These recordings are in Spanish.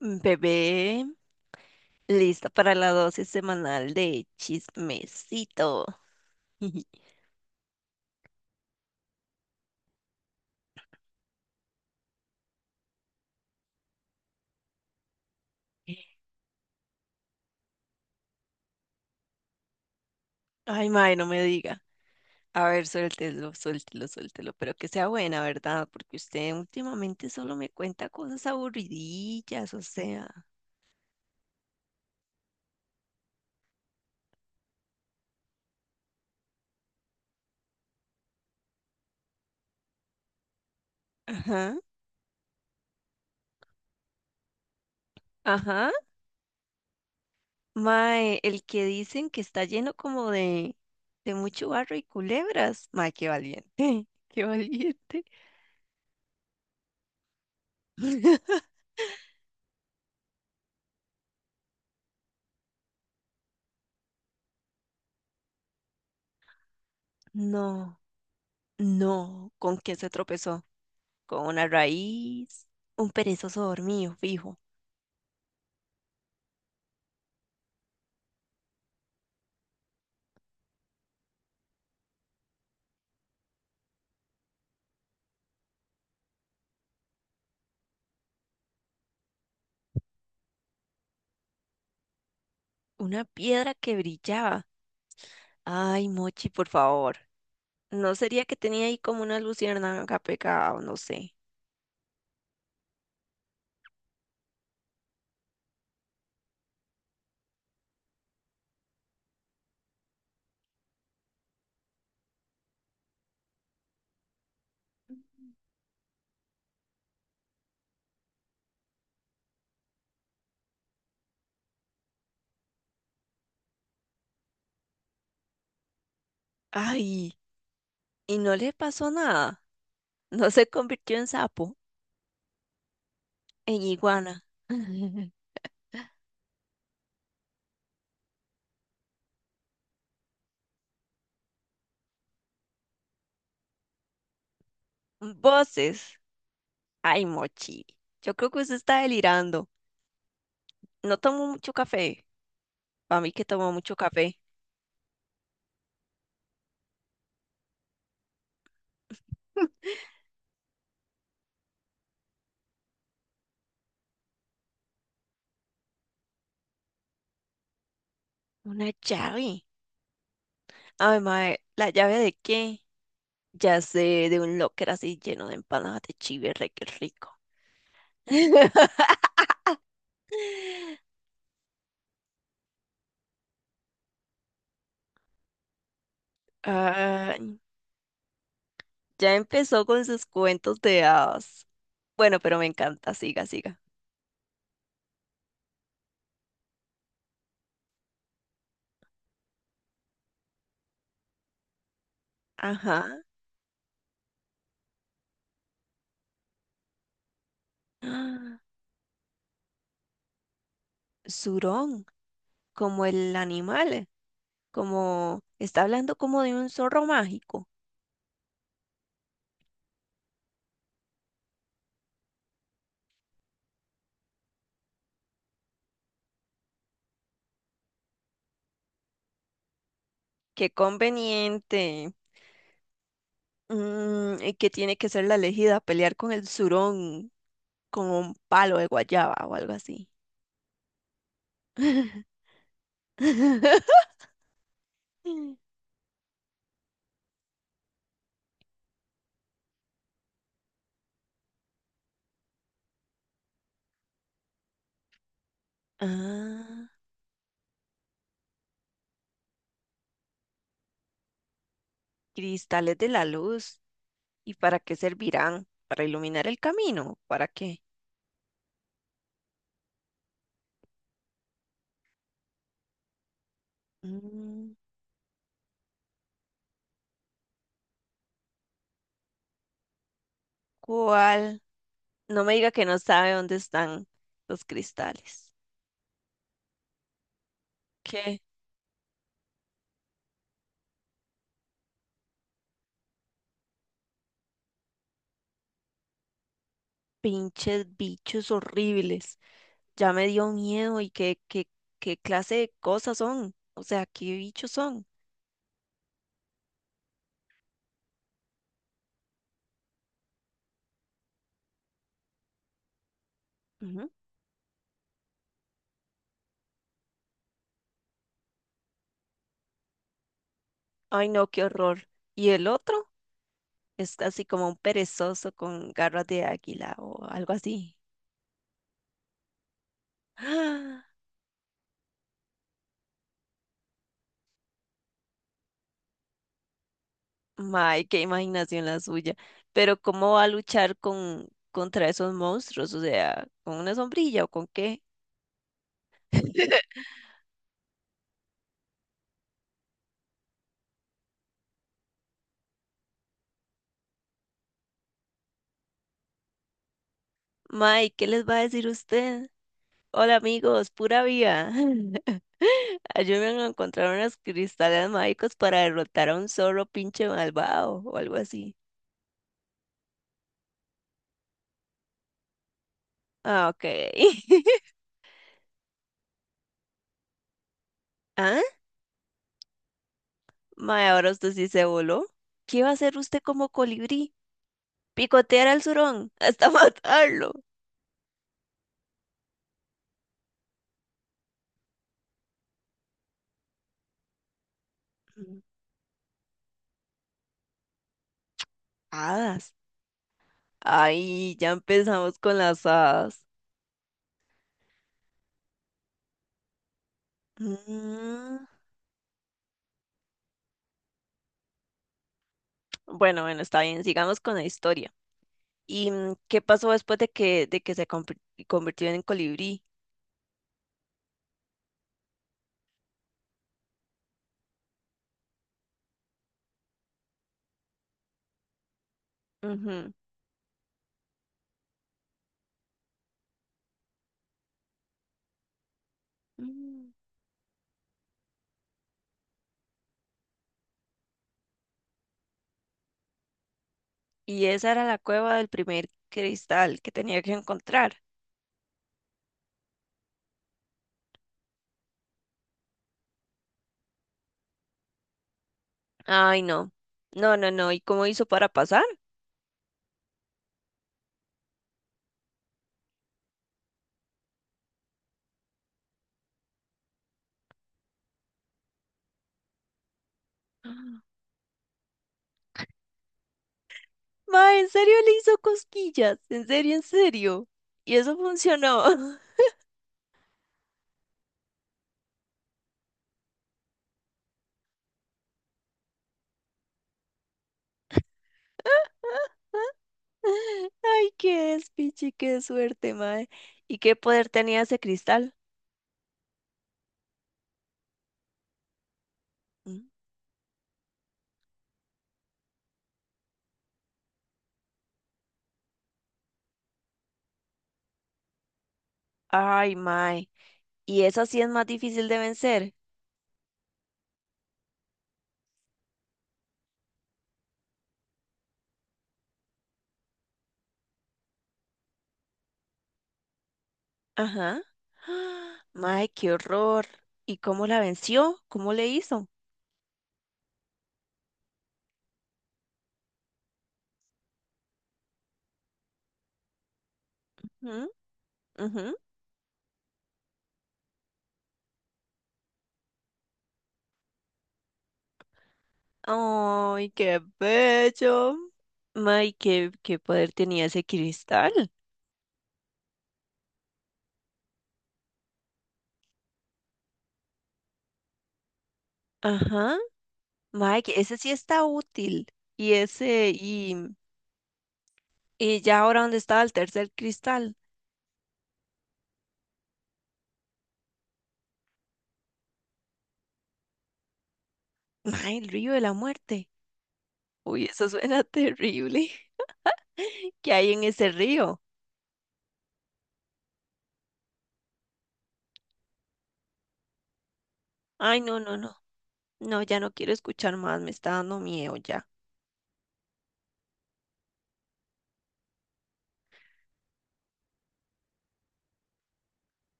Bebé, lista para la dosis semanal de chismecito. Ay, mae, no me diga. A ver, suéltelo, suéltelo, suéltelo, pero que sea buena, ¿verdad? Porque usted últimamente solo me cuenta cosas aburridillas, o sea. Ajá, ajá. Mae, el que dicen que está lleno como de mucho barro y culebras. Mae, qué valiente, qué valiente. No, no, ¿con quién se tropezó? ¿Con una raíz, un perezoso dormido, fijo, una piedra que brillaba? Ay, Mochi, por favor. ¿No sería que tenía ahí como una luciérnaga pegada o no sé? Ay, y no le pasó nada. No se convirtió en sapo, en iguana. Voces. Ay, Mochi. Yo creo que usted está delirando. No tomó mucho café. Para mí que tomó mucho café. Una llave. Ay, mae, ¿la llave de qué? Ya sé, de un locker así lleno de empanadas de chive, re que rico. Ay, ya empezó con sus cuentos de hadas. Bueno, pero me encanta, siga, siga. Ajá. Ah, Zurón, como el animal, como está hablando como de un zorro mágico. Qué conveniente. Mm, y que tiene que ser la elegida, pelear con el surón con un palo de guayaba o algo así. Ah, cristales de la luz. ¿Y para qué servirán? ¿Para iluminar el camino? ¿Para qué? Mm, ¿cuál? No me diga que no sabe dónde están los cristales. ¿Qué? Pinches bichos horribles. Ya me dio miedo y qué, qué, qué clase de cosas son. O sea, ¿qué bichos son? Ujú. Ay, no, qué horror. ¿Y el otro? Es así como un perezoso con garras de águila o algo así. May, qué imaginación la suya. Pero ¿cómo va a luchar contra esos monstruos? O sea, ¿con una sombrilla o con qué? May, ¿qué les va a decir usted? Hola amigos, pura vida. Ayúdenme a encontrar unos cristales mágicos para derrotar a un zorro pinche malvado o algo así. Ah, ok. ¿Ah? Mae, ahora usted sí se voló. ¿Qué va a hacer usted como colibrí? Picotear al zurón hasta matarlo. Mm. Hadas. Ay, ya empezamos con las hadas. Mm, bueno, bueno, está bien, sigamos con la historia. Y ¿qué pasó después de que se convirtió en colibrí? Ujú. Mm, Y esa era la cueva del primer cristal que tenía que encontrar. Ay, no. No, no, no. ¿Y cómo hizo para pasar? Ma, ¿en serio le hizo cosquillas? ¿En serio, en serio? Y eso funcionó. Ay, qué despiche, qué suerte, mae. ¿Y qué poder tenía ese cristal? Mm. Ay, mae. ¿Y esa sí es más difícil de vencer? Ajá. Ah, mae, qué horror. ¿Y cómo la venció? ¿Cómo le hizo? Mm, ujú. Ay, qué bello. Mae, ¿qué, qué poder tenía ese cristal? Ajá. Mae, que ese sí está útil. Y ese, y ya ahora, ¿dónde estaba el tercer cristal? Mae, el río de la muerte. Uy, eso suena terrible. ¿Qué hay en ese río? Ay, no, no, no. No, ya no quiero escuchar más, me está dando miedo ya.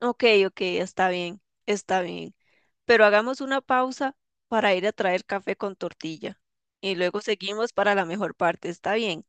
Ok, ok, está bien, está bien. Pero hagamos una pausa para ir a traer café con tortilla. Y luego seguimos para la mejor parte, ¿está bien?